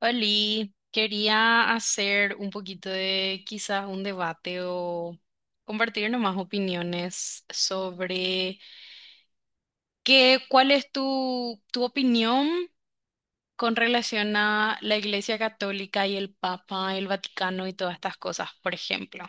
Oli, quería hacer un poquito de quizás un debate o compartir nomás opiniones sobre qué, cuál es tu opinión con relación a la Iglesia Católica y el Papa, el Vaticano y todas estas cosas, por ejemplo.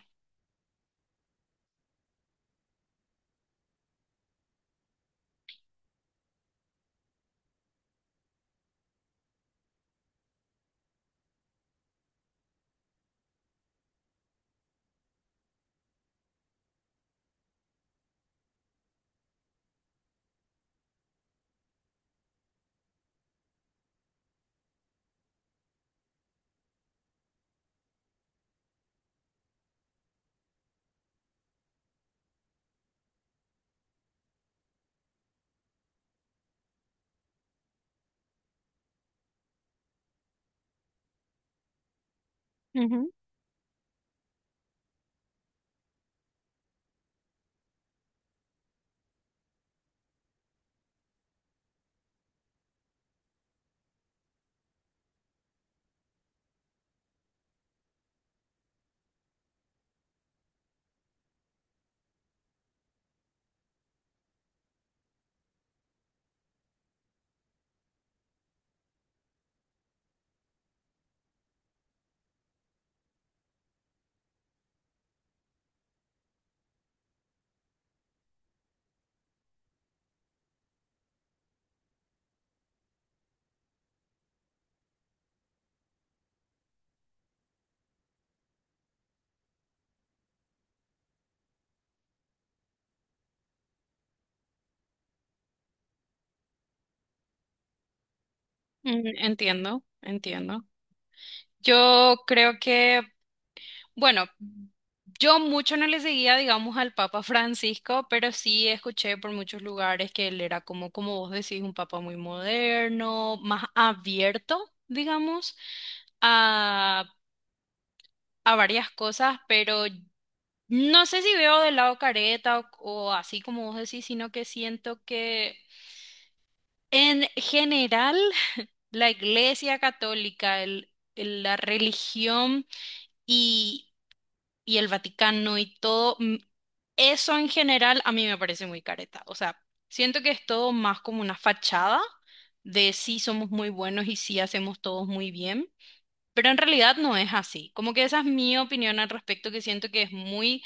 Ujú. Mm, entiendo, entiendo. Yo creo que bueno, yo mucho no le seguía, digamos, al Papa Francisco, pero sí escuché por muchos lugares que él era como, como vos decís, un papa muy moderno, más abierto, digamos, a, a varias cosas, pero no sé si veo del lado careta o así como vos decís, sino que siento que en general la Iglesia Católica, la religión y y el Vaticano y todo, eso en general a mí me parece muy careta. O sea, siento que es todo más como una fachada de sí somos muy buenos y sí hacemos todos muy bien, pero en realidad no es así. Como que esa es mi opinión al respecto, que siento que es muy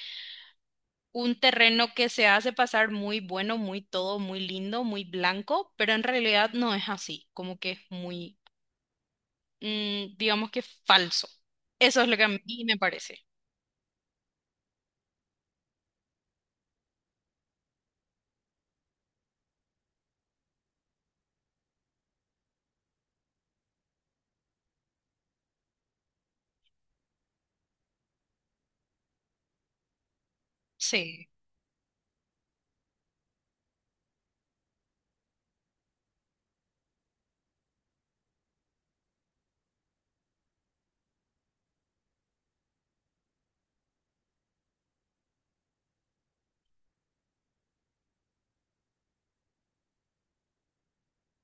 un terreno que se hace pasar muy bueno, muy todo, muy lindo, muy blanco, pero en realidad no es así. Como que es muy, digamos que falso. Eso es lo que a mí me parece. Sí,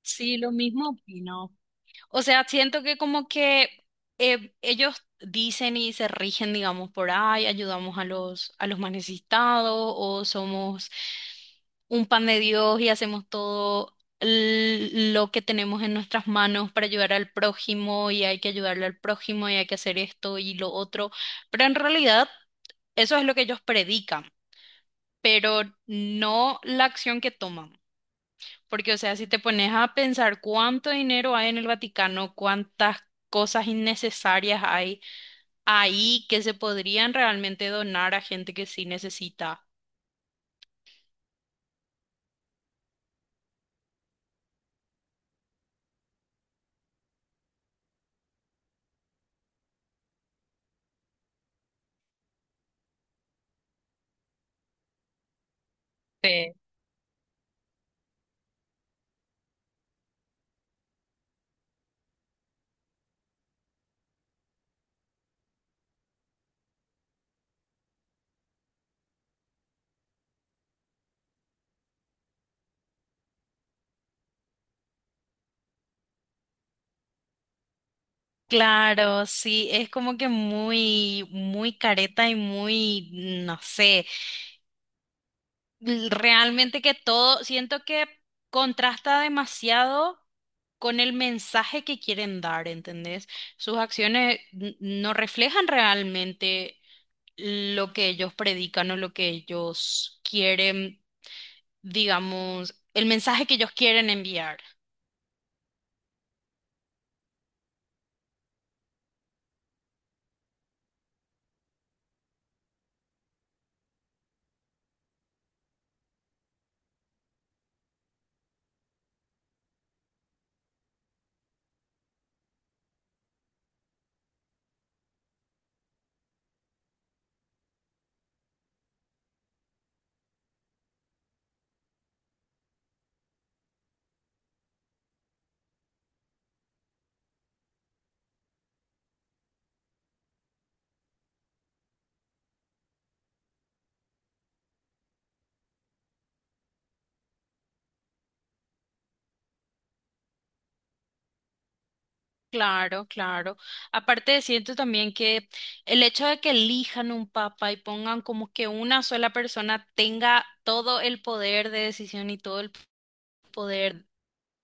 sí, lo mismo opino. O sea, siento que como que ellos dicen y se rigen, digamos, por ay, ayudamos a los más necesitados o somos un pan de Dios y hacemos todo lo que tenemos en nuestras manos para ayudar al prójimo y hay que ayudarle al prójimo y hay que hacer esto y lo otro. Pero en realidad eso es lo que ellos predican, pero no la acción que toman. Porque, o sea, si te pones a pensar cuánto dinero hay en el Vaticano, cuántas cosas innecesarias hay ahí que se podrían realmente donar a gente que sí necesita. Sí. Claro, sí, es como que muy, muy careta y muy, no sé. Realmente que todo, siento que contrasta demasiado con el mensaje que quieren dar, ¿entendés? Sus acciones no reflejan realmente lo que ellos predican o lo que ellos quieren, digamos, el mensaje que ellos quieren enviar. Claro, claro. Aparte, siento también que el hecho de que elijan un papa y pongan como que una sola persona tenga todo el poder de decisión y todo el poder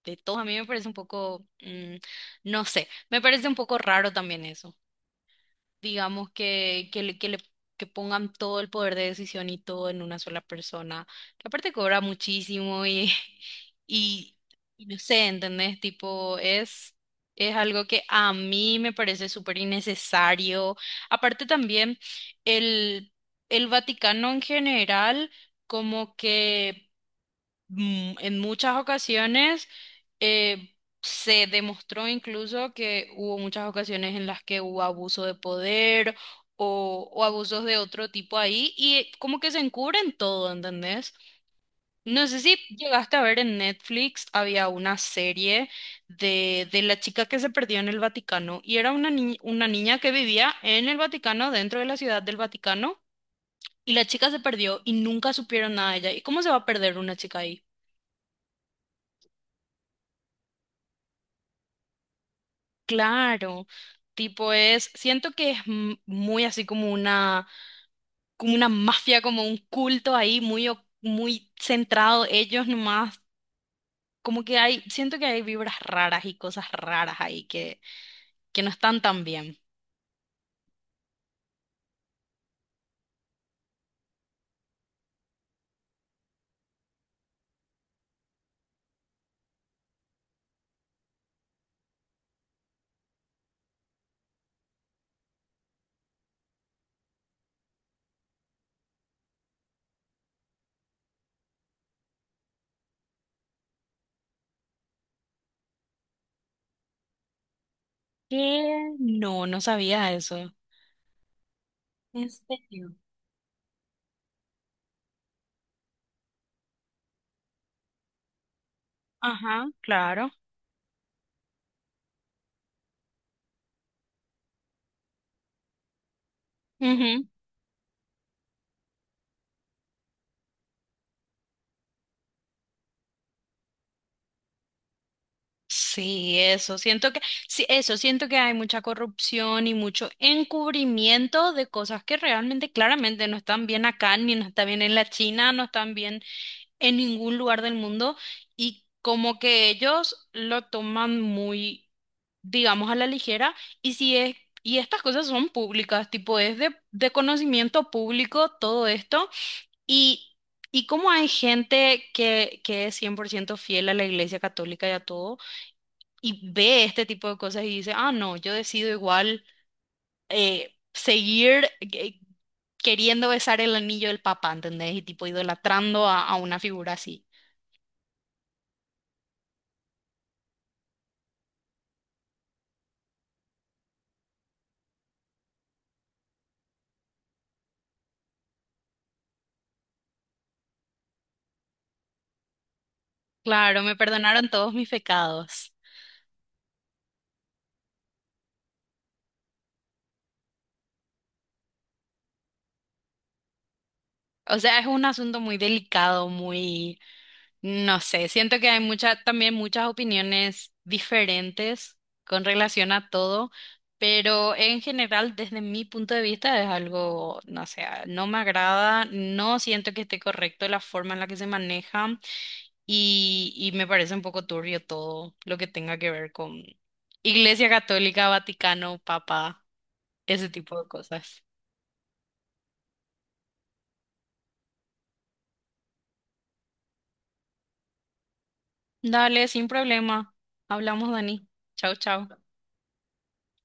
de todos. A mí me parece un poco, no sé, me parece un poco raro también eso. Digamos que que pongan todo el poder de decisión y todo en una sola persona, que aparte cobra muchísimo y, y, y no sé, ¿entendés? Tipo, es algo que a mí me parece súper innecesario. Aparte también, el, el Vaticano en general como que en muchas ocasiones eh, se demostró incluso que hubo muchas ocasiones en las que hubo abuso de poder o abusos de otro tipo ahí y como que se encubren todo, ¿entendés? No sé si llegaste a ver en Netflix, había una serie de la chica que se perdió en el Vaticano y era una, una niña que vivía en el Vaticano, dentro de la ciudad del Vaticano. Y la chica se perdió y nunca supieron nada de ella. ¿Y cómo se va a perder una chica ahí? Claro, tipo es, siento que es muy así como una mafia, como un culto ahí, muy, muy centrado ellos nomás, como que hay, siento que hay vibras raras y cosas raras ahí que no están tan bien. ¿Qué? No, no sabía eso. ¿En serio? Ajá, claro. Sí, eso, siento que, sí, eso, siento que hay mucha corrupción y mucho encubrimiento de cosas que realmente claramente no están bien acá, ni no están bien en la China, no están bien en ningún lugar del mundo, y como que ellos lo toman muy, digamos, a la ligera, y si es, y estas cosas son públicas, tipo, es de conocimiento público todo esto, y Y como hay gente que es 100% fiel a la Iglesia Católica y a todo, y ve este tipo de cosas y dice, ah, no, yo decido igual seguir queriendo besar el anillo del papá, ¿entendés? Y tipo idolatrando a una figura así. Claro, me perdonaron todos mis pecados. O sea, es un asunto muy delicado, muy no sé, siento que hay mucha, también muchas opiniones diferentes con relación a todo, pero en general, desde mi punto de vista, es algo, no sé, no me agrada, no siento que esté correcto la forma en la que se maneja y me parece un poco turbio todo lo que tenga que ver con Iglesia Católica, Vaticano, Papa, ese tipo de cosas. Dale, sin problema. Hablamos, Dani. Chau, chau.